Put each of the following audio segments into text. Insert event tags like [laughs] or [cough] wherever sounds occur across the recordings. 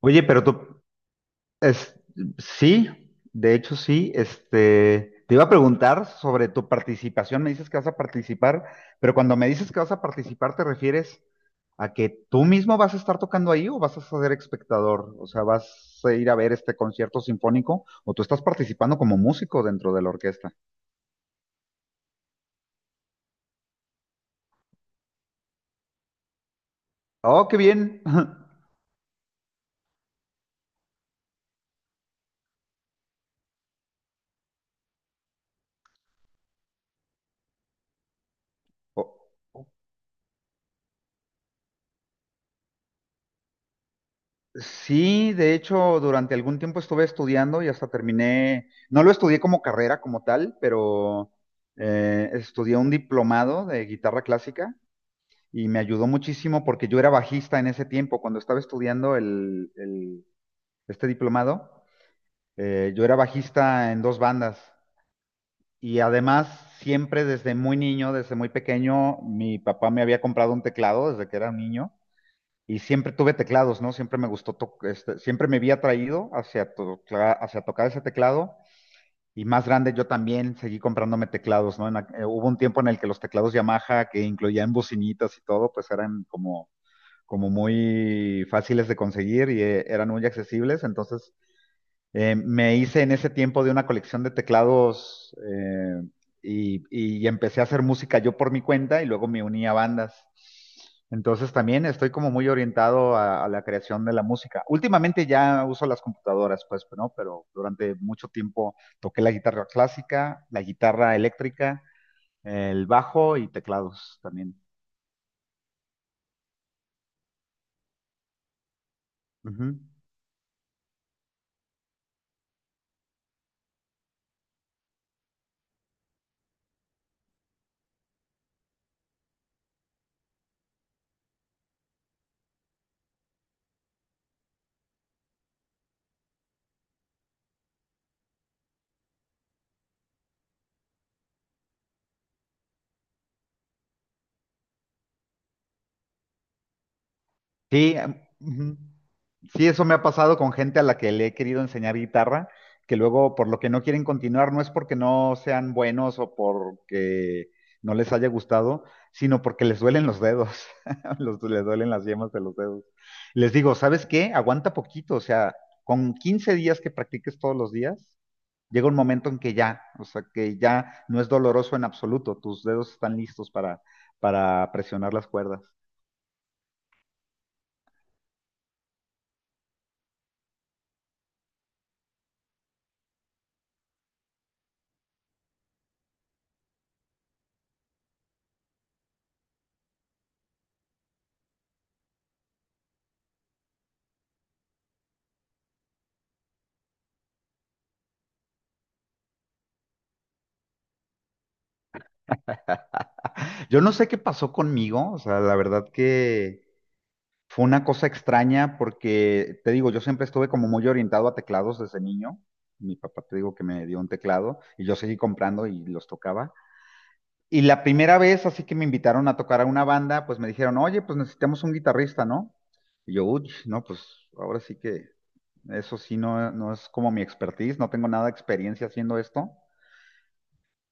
Oye, pero tú, es, sí, de hecho sí, te iba a preguntar sobre tu participación. Me dices que vas a participar, pero cuando me dices que vas a participar, ¿te refieres a que tú mismo vas a estar tocando ahí o vas a ser espectador? O sea, ¿vas a ir a ver este concierto sinfónico o tú estás participando como músico dentro de la orquesta? Oh, qué bien. [laughs] Oh. Sí, de hecho, durante algún tiempo estuve estudiando y hasta terminé, no lo estudié como carrera como tal, pero estudié un diplomado de guitarra clásica y me ayudó muchísimo porque yo era bajista en ese tiempo, cuando estaba estudiando este diplomado. Yo era bajista en dos bandas y además siempre desde muy niño, desde muy pequeño, mi papá me había comprado un teclado desde que era un niño y siempre tuve teclados, ¿no? Siempre me gustó, siempre me había atraído hacia, hacia tocar ese teclado. Y más grande yo también seguí comprándome teclados, ¿no? Hubo un tiempo en el que los teclados Yamaha, que incluían bocinitas y todo, pues eran como, como muy fáciles de conseguir, y eran muy accesibles. Entonces me hice en ese tiempo de una colección de teclados y empecé a hacer música yo por mi cuenta y luego me uní a bandas. Entonces también estoy como muy orientado a la creación de la música. Últimamente ya uso las computadoras, pues, ¿no? Pero durante mucho tiempo toqué la guitarra clásica, la guitarra eléctrica, el bajo y teclados también. Ujú. Sí, ujú. Sí, eso me ha pasado con gente a la que le he querido enseñar guitarra, que luego por lo que no quieren continuar no es porque no sean buenos o porque no les haya gustado, sino porque les duelen los dedos, [laughs] les duelen las yemas de los dedos. Les digo, ¿sabes qué? Aguanta poquito, o sea, con 15 días que practiques todos los días, llega un momento en que ya, o sea, que ya no es doloroso en absoluto, tus dedos están listos para presionar las cuerdas. Yo no sé qué pasó conmigo, o sea, la verdad que fue una cosa extraña porque, te digo, yo siempre estuve como muy orientado a teclados desde niño. Mi papá, te digo, que me dio un teclado y yo seguí comprando y los tocaba. Y la primera vez, así que me invitaron a tocar a una banda, pues me dijeron, oye, pues necesitamos un guitarrista, ¿no? Y yo, uy, no, pues ahora sí que eso sí no, no es como mi expertise, no tengo nada de experiencia haciendo esto.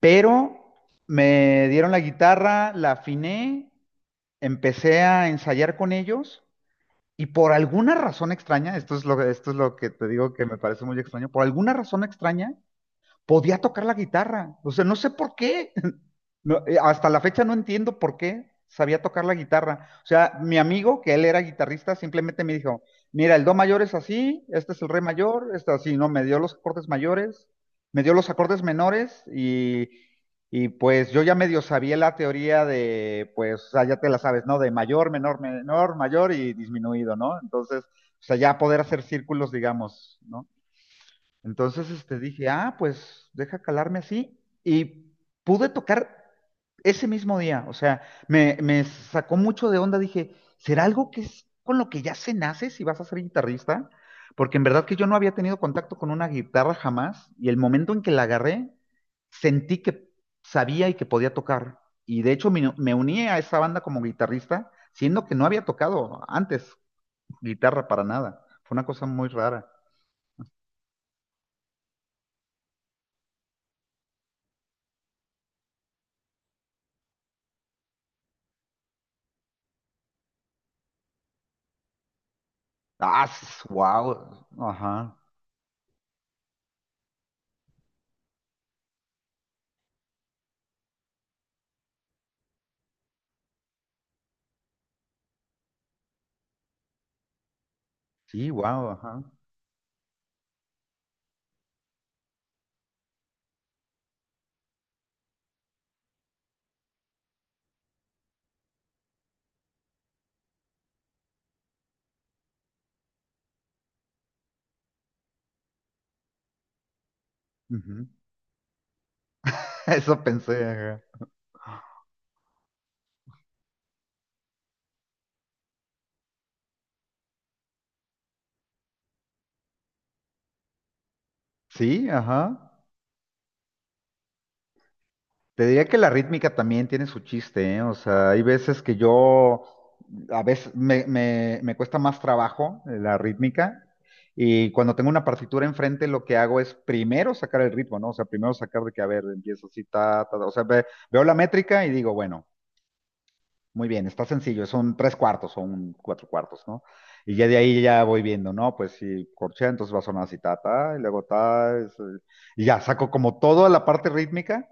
Pero me dieron la guitarra, la afiné, empecé a ensayar con ellos y por alguna razón extraña, esto es lo que te digo que me parece muy extraño, por alguna razón extraña, podía tocar la guitarra. O sea, no sé por qué. [laughs] No, hasta la fecha no entiendo por qué sabía tocar la guitarra. O sea, mi amigo, que él era guitarrista, simplemente me dijo, mira, el do mayor es así, este es el re mayor, este así, ¿no? Me dio los acordes mayores, me dio los acordes menores y pues yo ya medio sabía la teoría de, pues, o sea, ya te la sabes, ¿no? De mayor, menor, menor, mayor y disminuido, ¿no? Entonces, o sea, ya poder hacer círculos, digamos, ¿no? Entonces, dije, ah, pues deja calarme así. Y pude tocar ese mismo día. O sea, me sacó mucho de onda. Dije, ¿será algo que es con lo que ya se nace si vas a ser guitarrista? Porque en verdad que yo no había tenido contacto con una guitarra jamás. Y el momento en que la agarré, sentí que sabía y que podía tocar. Y de hecho me uní a esa banda como guitarrista, siendo que no había tocado antes guitarra para nada. Fue una cosa muy rara. Ah, wow. Ajá. Sí, wow, ajá. Ujú. [laughs] Eso pensé, ajá. Sí, ajá. Te diría que la rítmica también tiene su chiste, ¿eh? O sea, hay veces que yo, a veces me cuesta más trabajo la rítmica, y cuando tengo una partitura enfrente lo que hago es primero sacar el ritmo, ¿no? O sea, primero sacar de que, a ver, empiezo así, ta, ta, ta. O sea, veo la métrica y digo, bueno. Muy bien, está sencillo, son tres cuartos o un cuatro cuartos, ¿no? Y ya de ahí ya voy viendo, ¿no? Pues si corchea, entonces va a sonar así, ta, ta, y luego ta, y ya saco como toda la parte rítmica,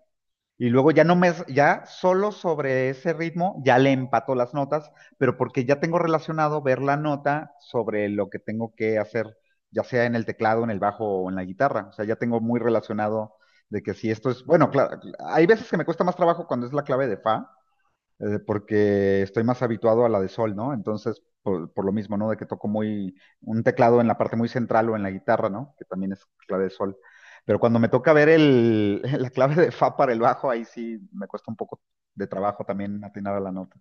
y luego ya no me, ya solo sobre ese ritmo ya le empato las notas, pero porque ya tengo relacionado ver la nota sobre lo que tengo que hacer, ya sea en el teclado, en el bajo o en la guitarra. O sea, ya tengo muy relacionado de que si esto es, bueno, claro, hay veces que me cuesta más trabajo cuando es la clave de fa, porque estoy más habituado a la de sol, ¿no? Entonces, por lo mismo, ¿no? De que toco muy un teclado en la parte muy central o en la guitarra, ¿no? Que también es clave de sol. Pero cuando me toca ver [laughs] la clave de fa para el bajo, ahí sí me cuesta un poco de trabajo también atinar a la nota.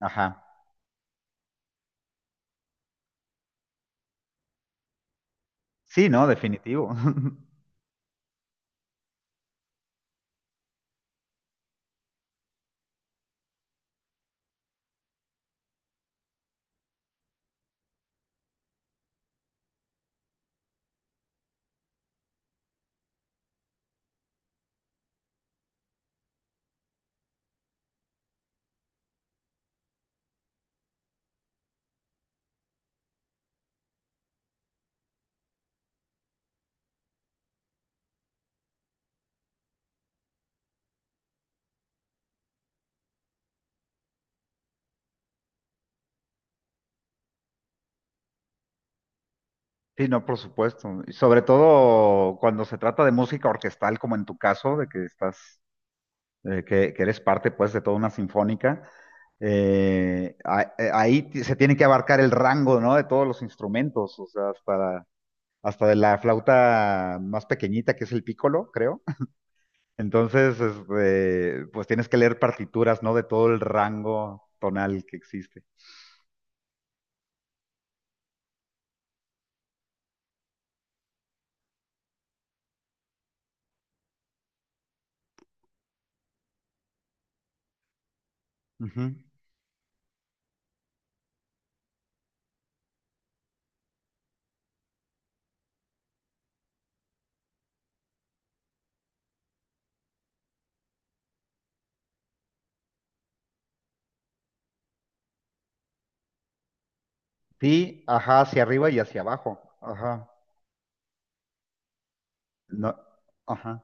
Ajá. Sí, no, definitivo. [laughs] Sí, no, por supuesto. Y sobre todo cuando se trata de música orquestal, como en tu caso, de que estás que eres parte pues de toda una sinfónica. Se tiene que abarcar el rango, ¿no? De todos los instrumentos, o sea, hasta, hasta de la flauta más pequeñita, que es el pícolo, creo. [laughs] Entonces, pues tienes que leer partituras, ¿no? De todo el rango tonal que existe. Ujú. Sí, ajá, hacia arriba y hacia abajo. Ajá. No, ajá.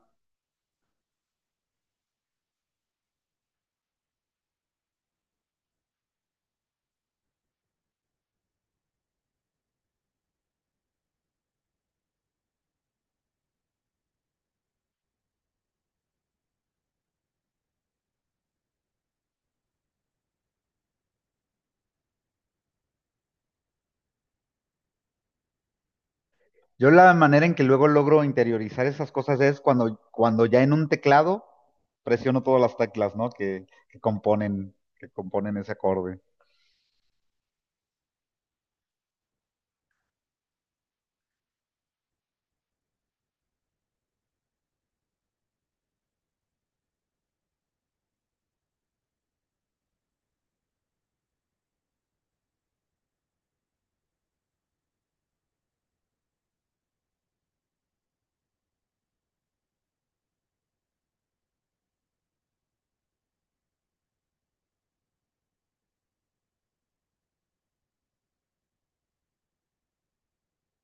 Yo la manera en que luego logro interiorizar esas cosas es cuando, cuando ya en un teclado presiono todas las teclas, ¿no? Que componen ese acorde.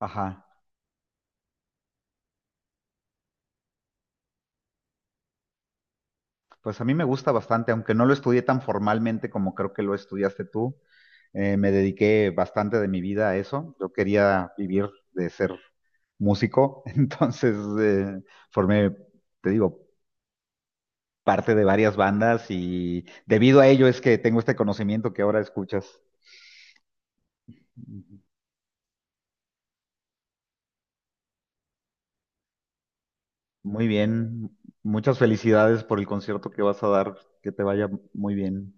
Ajá. Pues a mí me gusta bastante, aunque no lo estudié tan formalmente como creo que lo estudiaste tú. Me dediqué bastante de mi vida a eso. Yo quería vivir de ser músico, [laughs] entonces eh, formé, te digo, parte de varias bandas y debido a ello es que tengo este conocimiento que ahora escuchas. Muy bien. Muchas felicidades por el concierto que vas a dar. Que te vaya muy bien.